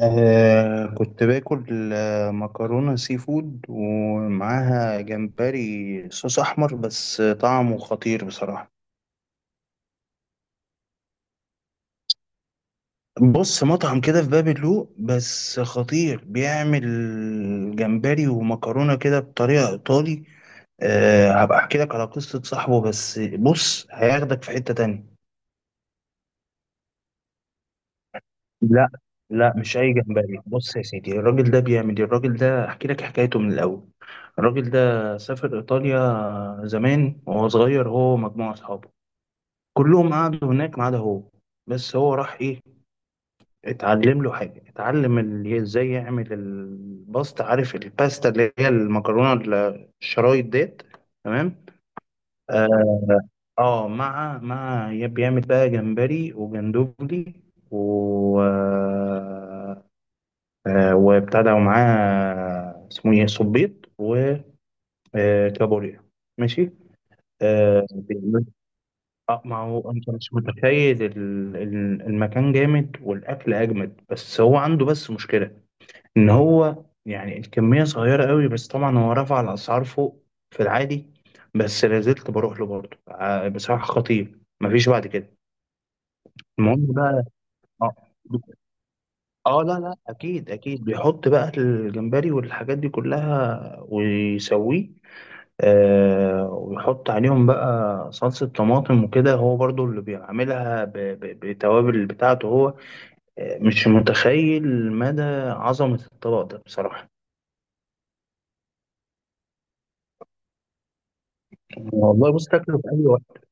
كنت باكل مكرونة سي فود ومعاها جمبري صوص أحمر، بس طعمه خطير بصراحة. بص، مطعم كده في باب اللوق، بس خطير. بيعمل جمبري ومكرونة كده بطريقة إيطالي. آه، هبقى أحكي لك على قصة صاحبه، بس بص هياخدك في حتة تانية. لا لا، مش اي جمبري. بص يا سيدي، الراجل ده بيعمل إيه؟ الراجل ده احكي لك حكايته من الاول. الراجل ده سافر ايطاليا زمان وهو صغير، هو ومجموعه اصحابه. كلهم قعدوا هناك ما عدا هو. بس هو راح ايه، اتعلم له حاجه، اتعلم ازاي يعمل الباستا. عارف الباستا اللي هي المكرونه الشرايط ديت، تمام. اه، مع بيعمل بقى جمبري وجندوبلي، و وابتدى معاه اسمه ايه، صبيط وكابوريا، ماشي. آه، بيعمل- ما هو انت مش متخيل المكان جامد والاكل اجمد، بس هو عنده بس مشكله ان هو يعني الكميه صغيره قوي. بس طبعا هو رفع الاسعار فوق في العادي، بس لازلت بروح له برضه. بصراحه خطير، مفيش بعد كده. المهم بقى، آه، اه لا لا، اكيد اكيد بيحط بقى الجمبري والحاجات دي كلها ويسويه. آه، ويحط عليهم بقى صلصة طماطم وكده، هو برضو اللي بيعملها بالتوابل بتاعته هو. آه، مش متخيل مدى عظمة الطبق ده بصراحة. والله بص، تاكله في اي وقت.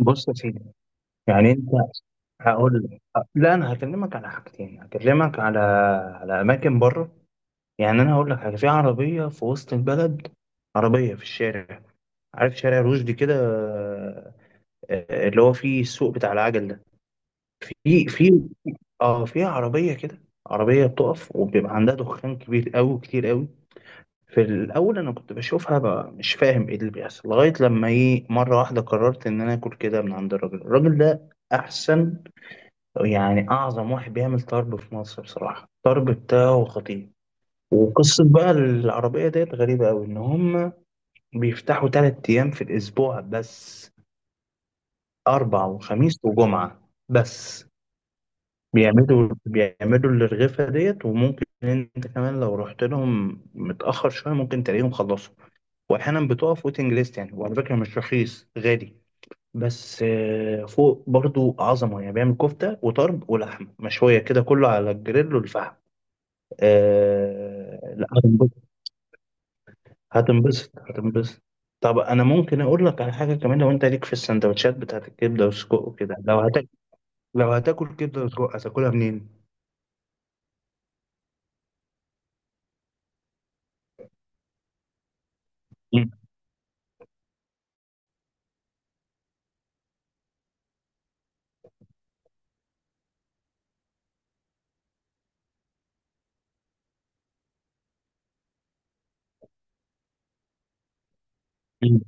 بص يا سيدي، يعني انت، هقول لك، لا انا هكلمك على حاجتين، هكلمك على على اماكن بره. يعني انا هقول لك حاجه، في عربيه في وسط البلد، عربيه في الشارع. عارف شارع رشدي كده؟ آه، اللي هو فيه السوق بتاع العجل ده. في اه، في عربيه كده، عربيه بتقف وبيبقى عندها دخان كبير قوي، كتير قوي. في الاول انا كنت بشوفها بقى مش فاهم ايه اللي بيحصل، لغايه لما ايه مره واحده قررت ان انا اكل كده من عند الراجل. الراجل ده احسن يعني، اعظم واحد بيعمل طرب في مصر. بصراحه الطرب بتاعه خطير. وقصة بقى العربية ديت غريبة أوي، إن هما بيفتحوا تلات أيام في الأسبوع بس، أربع وخميس وجمعة بس. بيعملوا بيعملوا الرغيفة ديت، وممكن أنت كمان لو رحت لهم متأخر شوية ممكن تلاقيهم خلصوا. وأحيانا بتقف ويتنج ليست يعني، وعلى فكرة مش رخيص، غالي، بس فوق برضو عظمة. يعني بيعمل كفتة وطرب ولحمة مشوية كده، كله على الجريل والفحم. آه، لا. هتنبسط هتنبسط. طب انا ممكن اقول لك على حاجه كمان، لو انت ليك في السندوتشات بتاعت الكبده والسجق وكده، لو هتاكل، لو هتاكل كبده وسجق هتاكلها منين؟ مم. مم.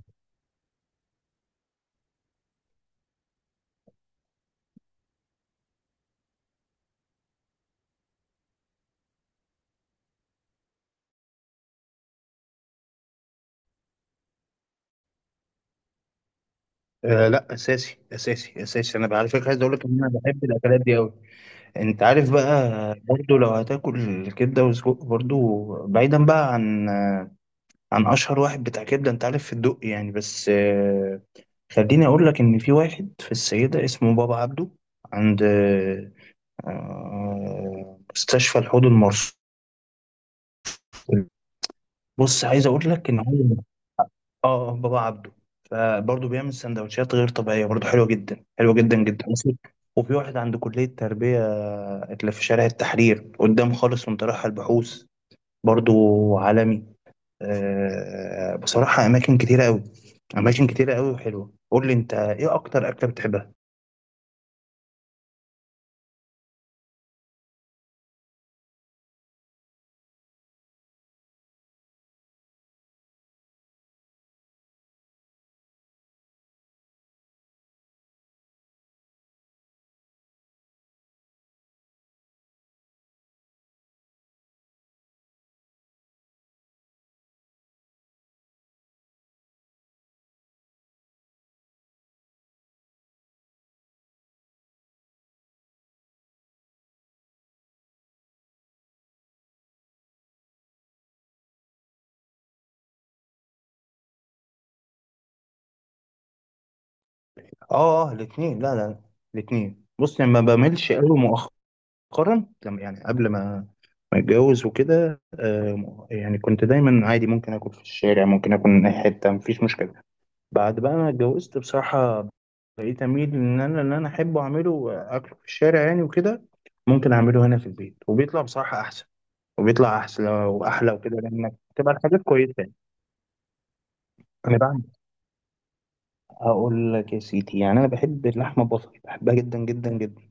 آه لا، اساسي اساسي اساسي. انا بقى- على فكره عايز اقول لك ان انا بحب الاكلات دي قوي. انت عارف بقى، برضو لو هتاكل كبده وسجق، برضو بعيدا بقى عن عن اشهر واحد بتاع كبده انت عارف في الدق يعني، بس خليني اقول لك ان في واحد في السيده اسمه بابا عبده، عند مستشفى الحوض المرصودي. بص عايز اقول لك ان هو، اه بابا عبده، فبرضه بيعمل سندوتشات غير طبيعيه، برضه حلوه جدا، حلوه جدا جدا. وفي واحد عند كليه التربيه اللي في شارع التحرير قدام خالص وانت رايح البحوث، برضه عالمي. آه، بصراحه اماكن كتيره قوي، اماكن كتيره قوي وحلوه. قول لي انت ايه اكتر اكله بتحبها. اه اه. الاثنين، لا لا، الاثنين. بص يعني، ما بملش قوي. مؤخرا لما- يعني قبل ما اتجوز وكده، آه، يعني كنت دايما عادي، ممكن اكل في الشارع، ممكن اكل من اي حته، مفيش مشكله. بعد بقى ما اتجوزت بصراحه، بقيت اميل ان انا احب اعمله، اكله في الشارع يعني وكده، ممكن اعمله هنا في البيت وبيطلع بصراحه احسن. وبيطلع احسن واحلى وكده، لانك بتبقى الحاجات كويسه يعني. انا بعمل، هقول لك يا سيدي، يعني انا بحب اللحمه البصل، بحبها جدا جدا جدا.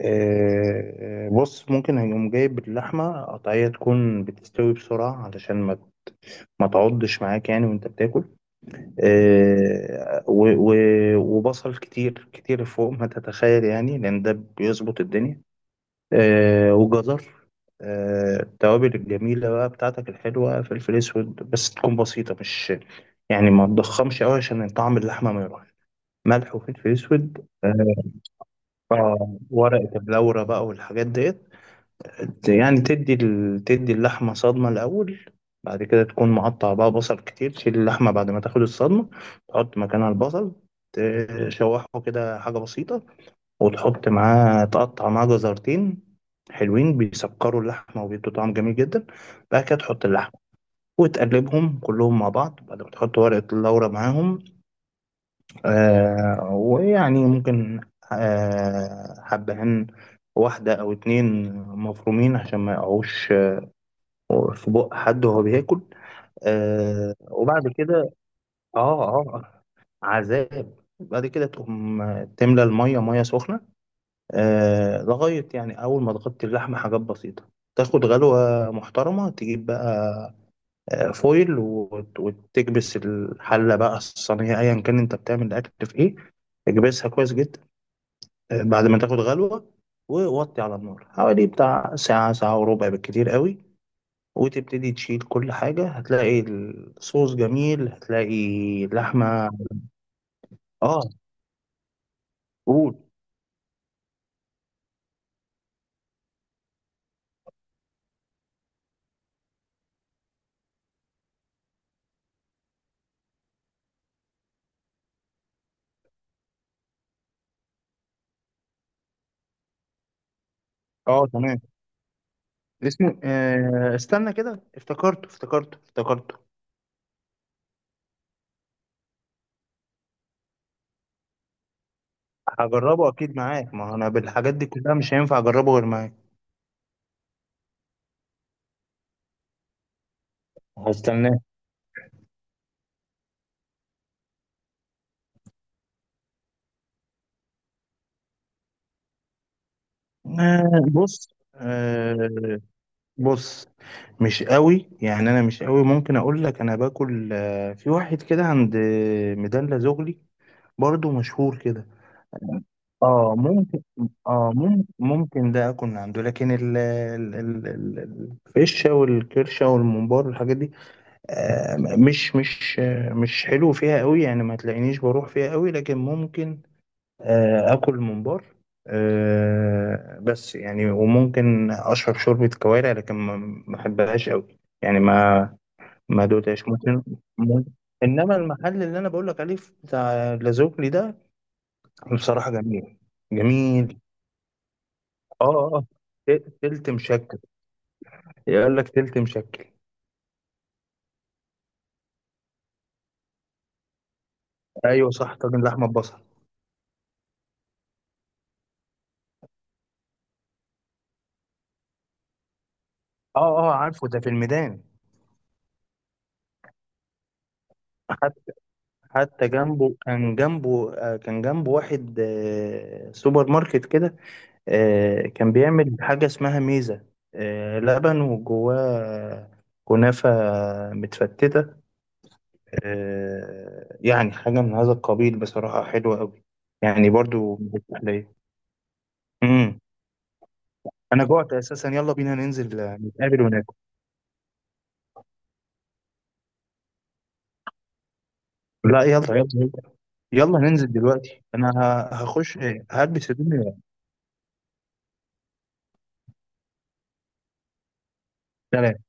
آه، بص ممكن هيقوم جايب اللحمة قطعية، تكون بتستوي بسرعة علشان ما تعضش معاك يعني وانت بتاكل. آه، وبصل كتير كتير فوق ما تتخيل يعني، لأن ده بيظبط الدنيا. آه، وجزر. آه، التوابل الجميلة بقى بتاعتك الحلوة، فلفل أسود بس، تكون بسيطة مش، يعني ما تضخمش أوي عشان طعم اللحمة ما يروحش. ملح وفلفل أسود، آه، آه، ورقة اللورة بقى والحاجات ديت. يعني تدي ال، تدي اللحمة صدمة الأول، بعد كده تكون مقطع بقى بصل كتير، تشيل اللحمة بعد ما تاخد الصدمة، تحط مكانها البصل، تشوحه كده حاجة بسيطة، وتحط معاه، تقطع معاه جزرتين حلوين، بيسكروا اللحمة وبيدوا طعم جميل جدا. بعد كده تحط اللحمة وتقلبهم كلهم مع بعض، بعد ما تحط ورقة اللورة معاهم. آه، ويعني ممكن آه حبهان، واحدة أو اتنين مفرومين، عشان ما يقعوش في بق حد وهو بياكل. آه، وبعد كده، اه اه، عذاب. بعد كده تقوم تملى المية، مية سخنة، آه لغاية يعني أول ما تغطي اللحمة، حاجات بسيطة، تاخد غلوة محترمة. تجيب بقى آه، فويل، وتكبس الحلة بقى، الصينية، أيا كان أنت بتعمل الأكل في إيه، اكبسها كويس جدا. آه، بعد ما تاخد غلوة، ووطي على النار حوالي بتاع ساعة، ساعة وربع بالكتير قوي، وتبتدي تشيل. كل حاجة هتلاقي الصوص جميل، هتلاقي اللحمة. اه، قول. اه تمام. اسمه آه، استنى كده، افتكرته افتكرته افتكرته. هجربه اكيد معاك، ما هو انا بالحاجات دي كلها مش هينفع اجربه غير معاك. هستناه. آه بص، آه بص، مش قوي يعني، انا مش قوي. ممكن اقول لك انا باكل آه في واحد كده عند ميدان لازوغلي، برضه مشهور كده. اه ممكن. اه ممكن ممكن ده اكون عنده، لكن الفشه والكرشه والممبار والحاجات دي، آه مش حلو فيها قوي يعني، ما تلاقينيش بروح فيها قوي، لكن ممكن آه اكل ممبار، آه بس يعني. وممكن اشرب شوربه كوارع، لكن ما بحبهاش قوي، يعني ما، ما دوتهاش. ممكن، ممكن-. انما المحل اللي انا بقول لك عليه بتاع لازوكلي ده بصراحه جميل. جميل. اه. اه. تلت مشكل. يقول لك تلت مشكل. ايوه صح، طاجن لحمه ببصل. اه اه، عارفه، ده في الميدان. حتى، حتى جنبه، كان جنبه كان جنبه واحد سوبر ماركت كده، آه، كان بيعمل حاجه اسمها ميزه. آه، لبن وجواه كنافه متفتته، آه، يعني حاجه من هذا القبيل، بصراحه حلوه قوي يعني، برضو من التحليه. امم. انا جوعت اساسا، يلا بينا ننزل، نتقابل وناكل. لا يلا يلا يلا. يلا ننزل دلوقتي، انا ه- هخش هلبس هدومي. لا لا.